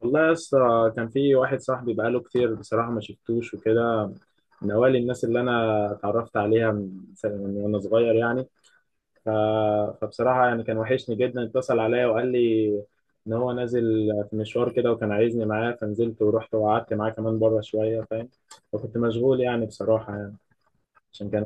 والله يا اسطى، كان في واحد صاحبي بقاله كتير بصراحة ما شفتوش وكده. من أوائل الناس اللي أنا اتعرفت عليها من وأنا صغير يعني. ف... فبصراحة يعني كان وحشني جدا. اتصل عليا وقال لي إن هو نازل في مشوار كده وكان عايزني معاه، فنزلت ورحت وقعدت معاه كمان بره شوية فاهم. وكنت مشغول يعني بصراحة يعني. عشان كان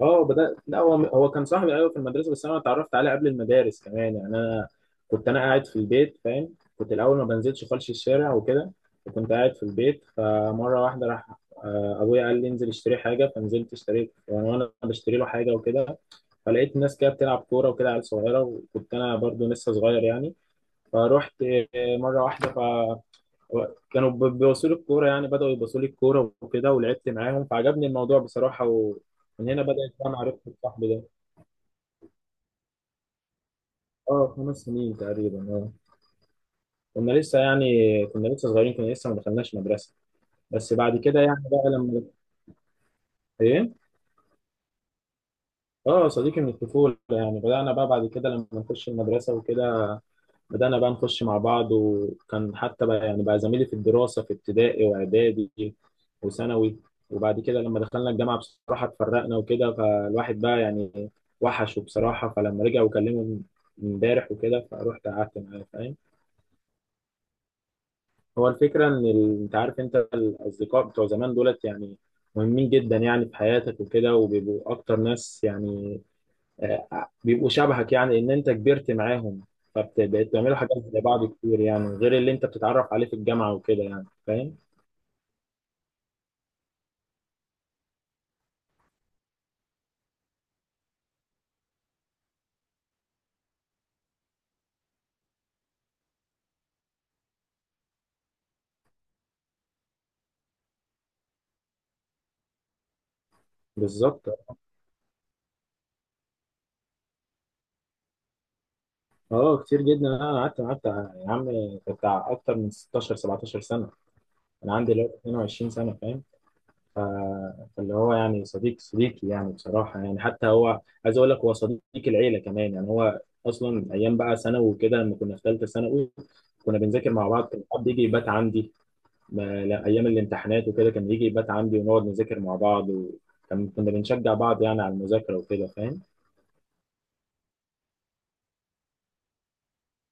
اه بدأت، لا هو كان صاحبي ايوه في المدرسه، بس انا اتعرفت عليه قبل المدارس كمان يعني. انا كنت انا قاعد في البيت فاهم. كنت الاول ما بنزلش خالص الشارع وكده، وكنت قاعد في البيت. فمره واحده راح ابويا قال لي انزل اشتري حاجه. فنزلت اشتريت يعني، وانا بشتري له حاجه وكده فلقيت الناس كده بتلعب كوره وكده، عيال صغيره، وكنت انا برضو لسه صغير يعني. فروحت مره واحده هو كانوا بيبصوا لي الكوره. يعني بداوا يبصوا لي الكوره وكده، ولعبت معاهم فعجبني الموضوع بصراحه. ومن هنا بدات بقى معرفتي بصاحبي ده. اه 5 سنين تقريبا، اه كنا لسه يعني كنا لسه صغيرين، كنا لسه ما دخلناش مدرسه. بس بعد كده يعني بقى لما ايه، اه صديقي من الطفوله يعني. بدانا بقى بعد كده لما نخش المدرسه وكده. بدأنا بقى نخش مع بعض، وكان حتى بقى يعني بقى زميلي في الدراسة في ابتدائي وإعدادي وثانوي. وبعد كده لما دخلنا الجامعة بصراحة اتفرقنا وكده. فالواحد بقى يعني وحشه بصراحة. فلما رجع وكلمه امبارح وكده، فروحت قعدت معاه فاهم. هو الفكرة إن أنت عارف، أنت الأصدقاء بتوع زمان دولت يعني مهمين جدا يعني في حياتك وكده، وبيبقوا أكتر ناس يعني بيبقوا شبهك. يعني ان انت كبرت معاهم، فبقيت تعملوا حاجات زي بعض كتير، يعني غير اللي انت بتتعرف عليه في الجامعه وكده يعني فاهم. بالظبط اه، كتير جدا. انا قعدت يا عم بتاع اكتر من 16 17 سنه. انا عندي دلوقتي 22 سنه فاهم. فاللي هو يعني صديق صديقي يعني بصراحه يعني. حتى هو عايز اقول لك هو صديق العيله كمان يعني. هو اصلا ايام بقى ثانوي وكده لما كنا في ثالثه ثانوي كنا بنذاكر مع بعض. كان حد يجي يبات عندي، ما لا ايام الامتحانات وكده كان يجي يبات عندي ونقعد نذاكر مع بعض، وكان كنا بنشجع بعض يعني على المذاكره وكده فاهم.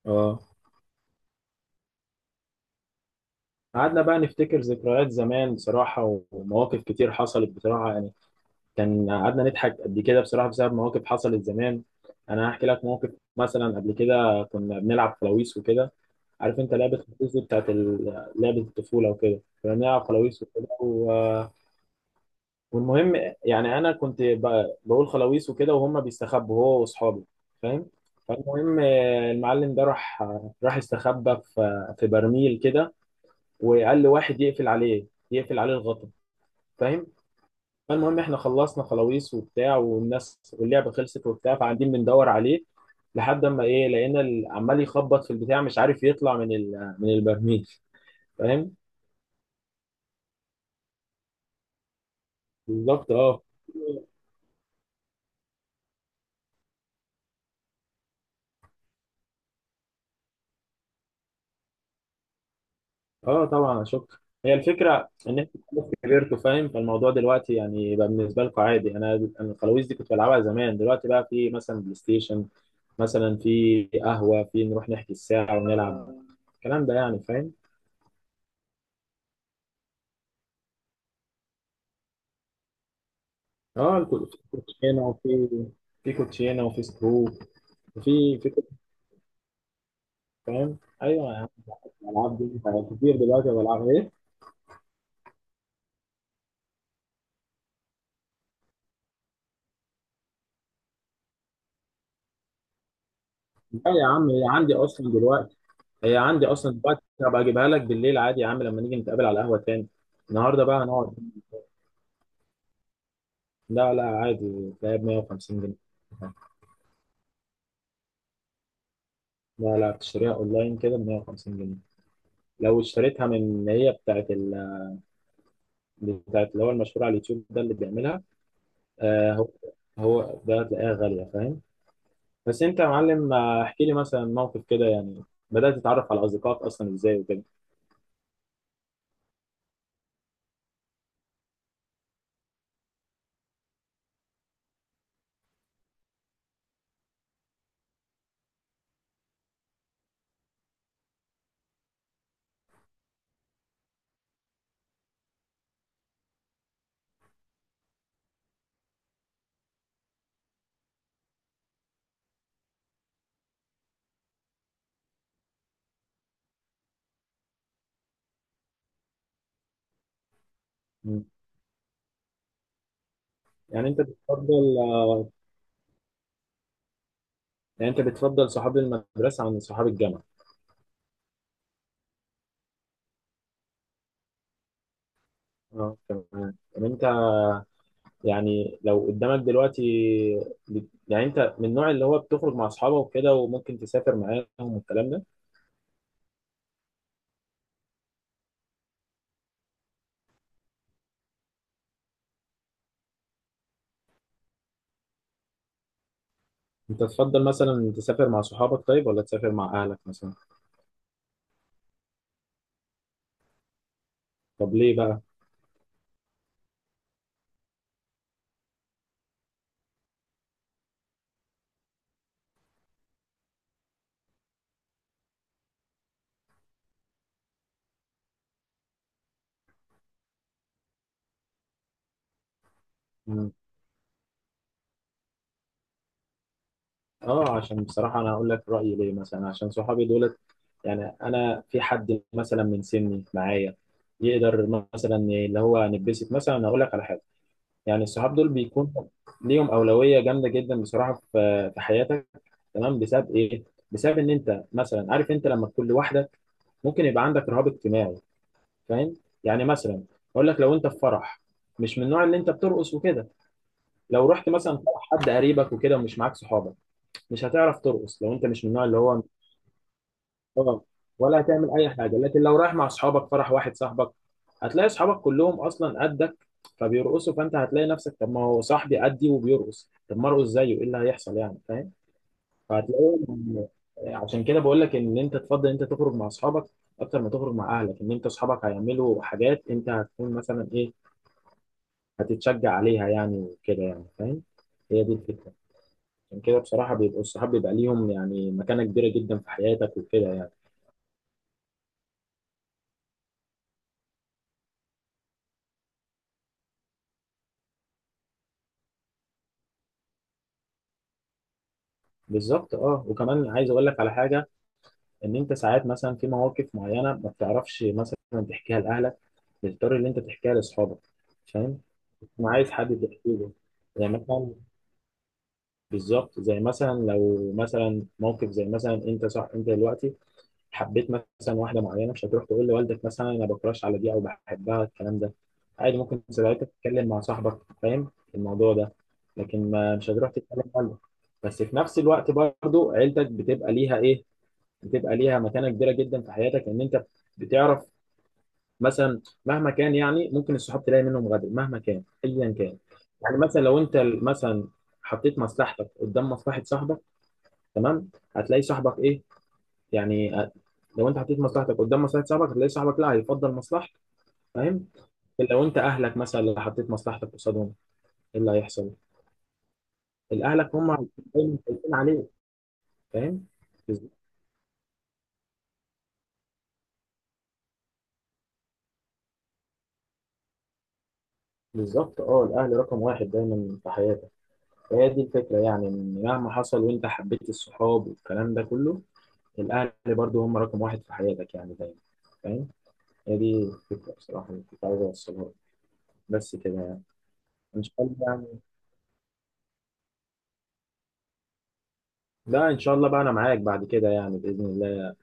اه، قعدنا بقى نفتكر ذكريات زمان بصراحه، ومواقف كتير حصلت بصراحه يعني. كان قعدنا نضحك قد كده بصراحه بسبب مواقف حصلت زمان. انا هحكي لك موقف، مثلا قبل كده كنا بنلعب فلاويس وكده. عارف انت لعبه الفلاويس دي بتاعت لعبه الطفوله وكده. كنا بنلعب فلاويس وكده والمهم، يعني انا كنت بقول خلاويص وكده، وهم بيستخبوا هو واصحابه فاهم. فالمهم المعلم ده راح، راح استخبى في برميل كده، وقال لواحد يقفل عليه يقفل عليه الغطا فاهم. فالمهم احنا خلصنا خلاويص وبتاع، والناس واللعبه خلصت وبتاع، فقاعدين بندور عليه لحد اما ايه لقينا عمال يخبط في البتاع، مش عارف يطلع من البرميل فاهم. بالظبط اه. اه طبعا اشك، هي الفكره ان انت خلاص كبرتوا فاهم. فالموضوع دلوقتي يعني بقى بالنسبه لكم عادي. انا الخلاويز دي كنت بلعبها زمان. دلوقتي بقى في مثلا بلاي ستيشن، مثلا في قهوه في نروح نحكي الساعه ونلعب، الكلام ده يعني فاهم. اه في كوتشينه في كوتشينه وفي سكرو، وفي في فاهم، ايوه يا عم. الالعاب دي كتير دلوقتي بلعبها ايه. لا يا عم، هي عندي اصلا دلوقتي، هبقى اجيبها لك بالليل عادي يا عم لما نيجي نتقابل على القهوه تاني. النهارده بقى هنقعد. لا لا، عادي تلاقيها ب 150 جنيه. لا لا، بتشتريها اونلاين كده ب 150 جنيه. لو اشتريتها من اللي هي بتاعت اللي هو المشهور على اليوتيوب ده اللي بيعملها، آه هو، هو ده هتلاقيها غالية فاهم. بس انت يا معلم احكي لي مثلا موقف كده، يعني بدأت تتعرف على اصدقائك اصلا ازاي وكده. مم. يعني انت بتفضل آه، يعني انت بتفضل صحاب المدرسة عن صحاب الجامعة؟ اه تمام. يعني انت يعني لو قدامك دلوقتي يعني انت من النوع اللي هو بتخرج مع اصحابك وكده وممكن تسافر معاهم والكلام ده. انت تفضل مثلا تسافر مع صحابك طيب، ولا تسافر مع اهلك مثلا؟ طب ليه بقى؟ مم. اه، عشان بصراحة انا هقول لك رأيي ليه. مثلا عشان صحابي دولت يعني، انا في حد مثلا من سني معايا يقدر مثلا اللي هو نتبسط. مثلا أنا اقول لك على حاجة. يعني الصحاب دول بيكون ليهم أولوية جامدة جدا بصراحة في حياتك تمام. بسبب ايه؟ بسبب ان انت مثلا عارف، انت لما تكون لوحدك ممكن يبقى عندك رهاب اجتماعي فاهم. يعني مثلا اقول لك، لو انت في فرح مش من النوع اللي انت بترقص وكده، لو رحت مثلا فرح حد قريبك وكده ومش معاك صحابك، مش هتعرف ترقص لو انت مش من النوع اللي هو آه، ولا هتعمل اي حاجه. لكن لو رايح مع اصحابك فرح واحد صاحبك، هتلاقي اصحابك كلهم اصلا قدك فبيرقصوا. فانت هتلاقي نفسك، طب ما هو صاحبي قدي وبيرقص، طب ما ارقص زيه، ايه اللي هيحصل يعني فاهم. فهتلاقيهم يعني. عشان كده بقول لك ان انت تفضل انت تخرج مع اصحابك اكتر ما تخرج مع اهلك، ان انت اصحابك هيعملوا حاجات انت هتكون مثلا ايه، هتتشجع عليها يعني وكده يعني فاهم. هي دي الفكره. عشان كده بصراحه بيبقوا الصحاب بيبقى ليهم يعني مكانه كبيره جدا في حياتك وكده يعني. بالظبط اه، وكمان عايز اقول لك على حاجه. ان انت ساعات مثلا في مواقف معينه ما بتعرفش مثلا تحكيها لاهلك، بتضطر ان انت تحكيها لاصحابك فاهم. ما عايز حد تحكي له، يعني مثلا بالظبط زي مثلا لو مثلا موقف زي مثلا، انت صح انت دلوقتي حبيت مثلا واحده معينه، مش هتروح تقول لوالدك مثلا انا بكراش على دي او بحبها الكلام ده. عادي ممكن ساعتها تتكلم مع صاحبك فاهم الموضوع ده. لكن ما مش هتروح تتكلم لوالدك. بس في نفس الوقت برضو عيلتك بتبقى ليها ايه، بتبقى ليها مكانه كبيره جدا في حياتك. ان انت بتعرف مثلا مهما كان يعني، ممكن الصحاب تلاقي منهم غدر مهما كان ايا كان. يعني مثلا لو انت مثلا حطيت مصلحتك قدام مصلحه صاحبك تمام، هتلاقي صاحبك ايه، يعني لو انت حطيت مصلحتك قدام مصلحه صاحبك هتلاقي صاحبك لا هيفضل مصلحتك فاهم. لو انت اهلك مثلا اللي حطيت مصلحتك قصادهم، ايه اللي هيحصل؟ الاهلك هم دايما خايفين عليك فاهم. بز- بالظبط اه، الاهل رقم واحد دايما في حياتك. فهي دي الفكره يعني، إن مهما حصل وانت حبيت الصحاب والكلام ده كله، الاهل برضو هم رقم واحد في حياتك يعني دايما فاهم. هي دي الفكره بصراحه اللي كنت عايز اوصلها لك. بس كده يعني ان شاء الله يعني. لا ان شاء الله، بقى انا معاك بعد كده يعني باذن الله.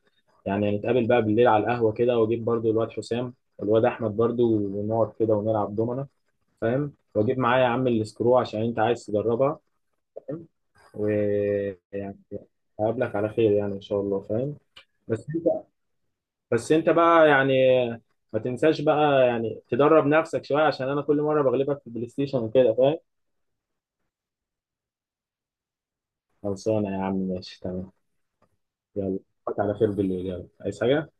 يعني نتقابل بقى بالليل على القهوه كده، واجيب برضو الواد حسام والواد احمد برضو، ونقعد كده ونلعب دومنه فاهم. واجيب معايا يا عم السكرو عشان انت عايز تجربها فاهم. ويعني هقابلك على خير يعني ان شاء الله فاهم. بس انت بس انت بقى يعني ما تنساش بقى يعني تدرب نفسك شويه، عشان انا كل مره بغلبك في البلاي ستيشن وكده فاهم. خلصانه يا عم ماشي تمام. يلا اشوفك على خير بالليل. يلا، عايز حاجه؟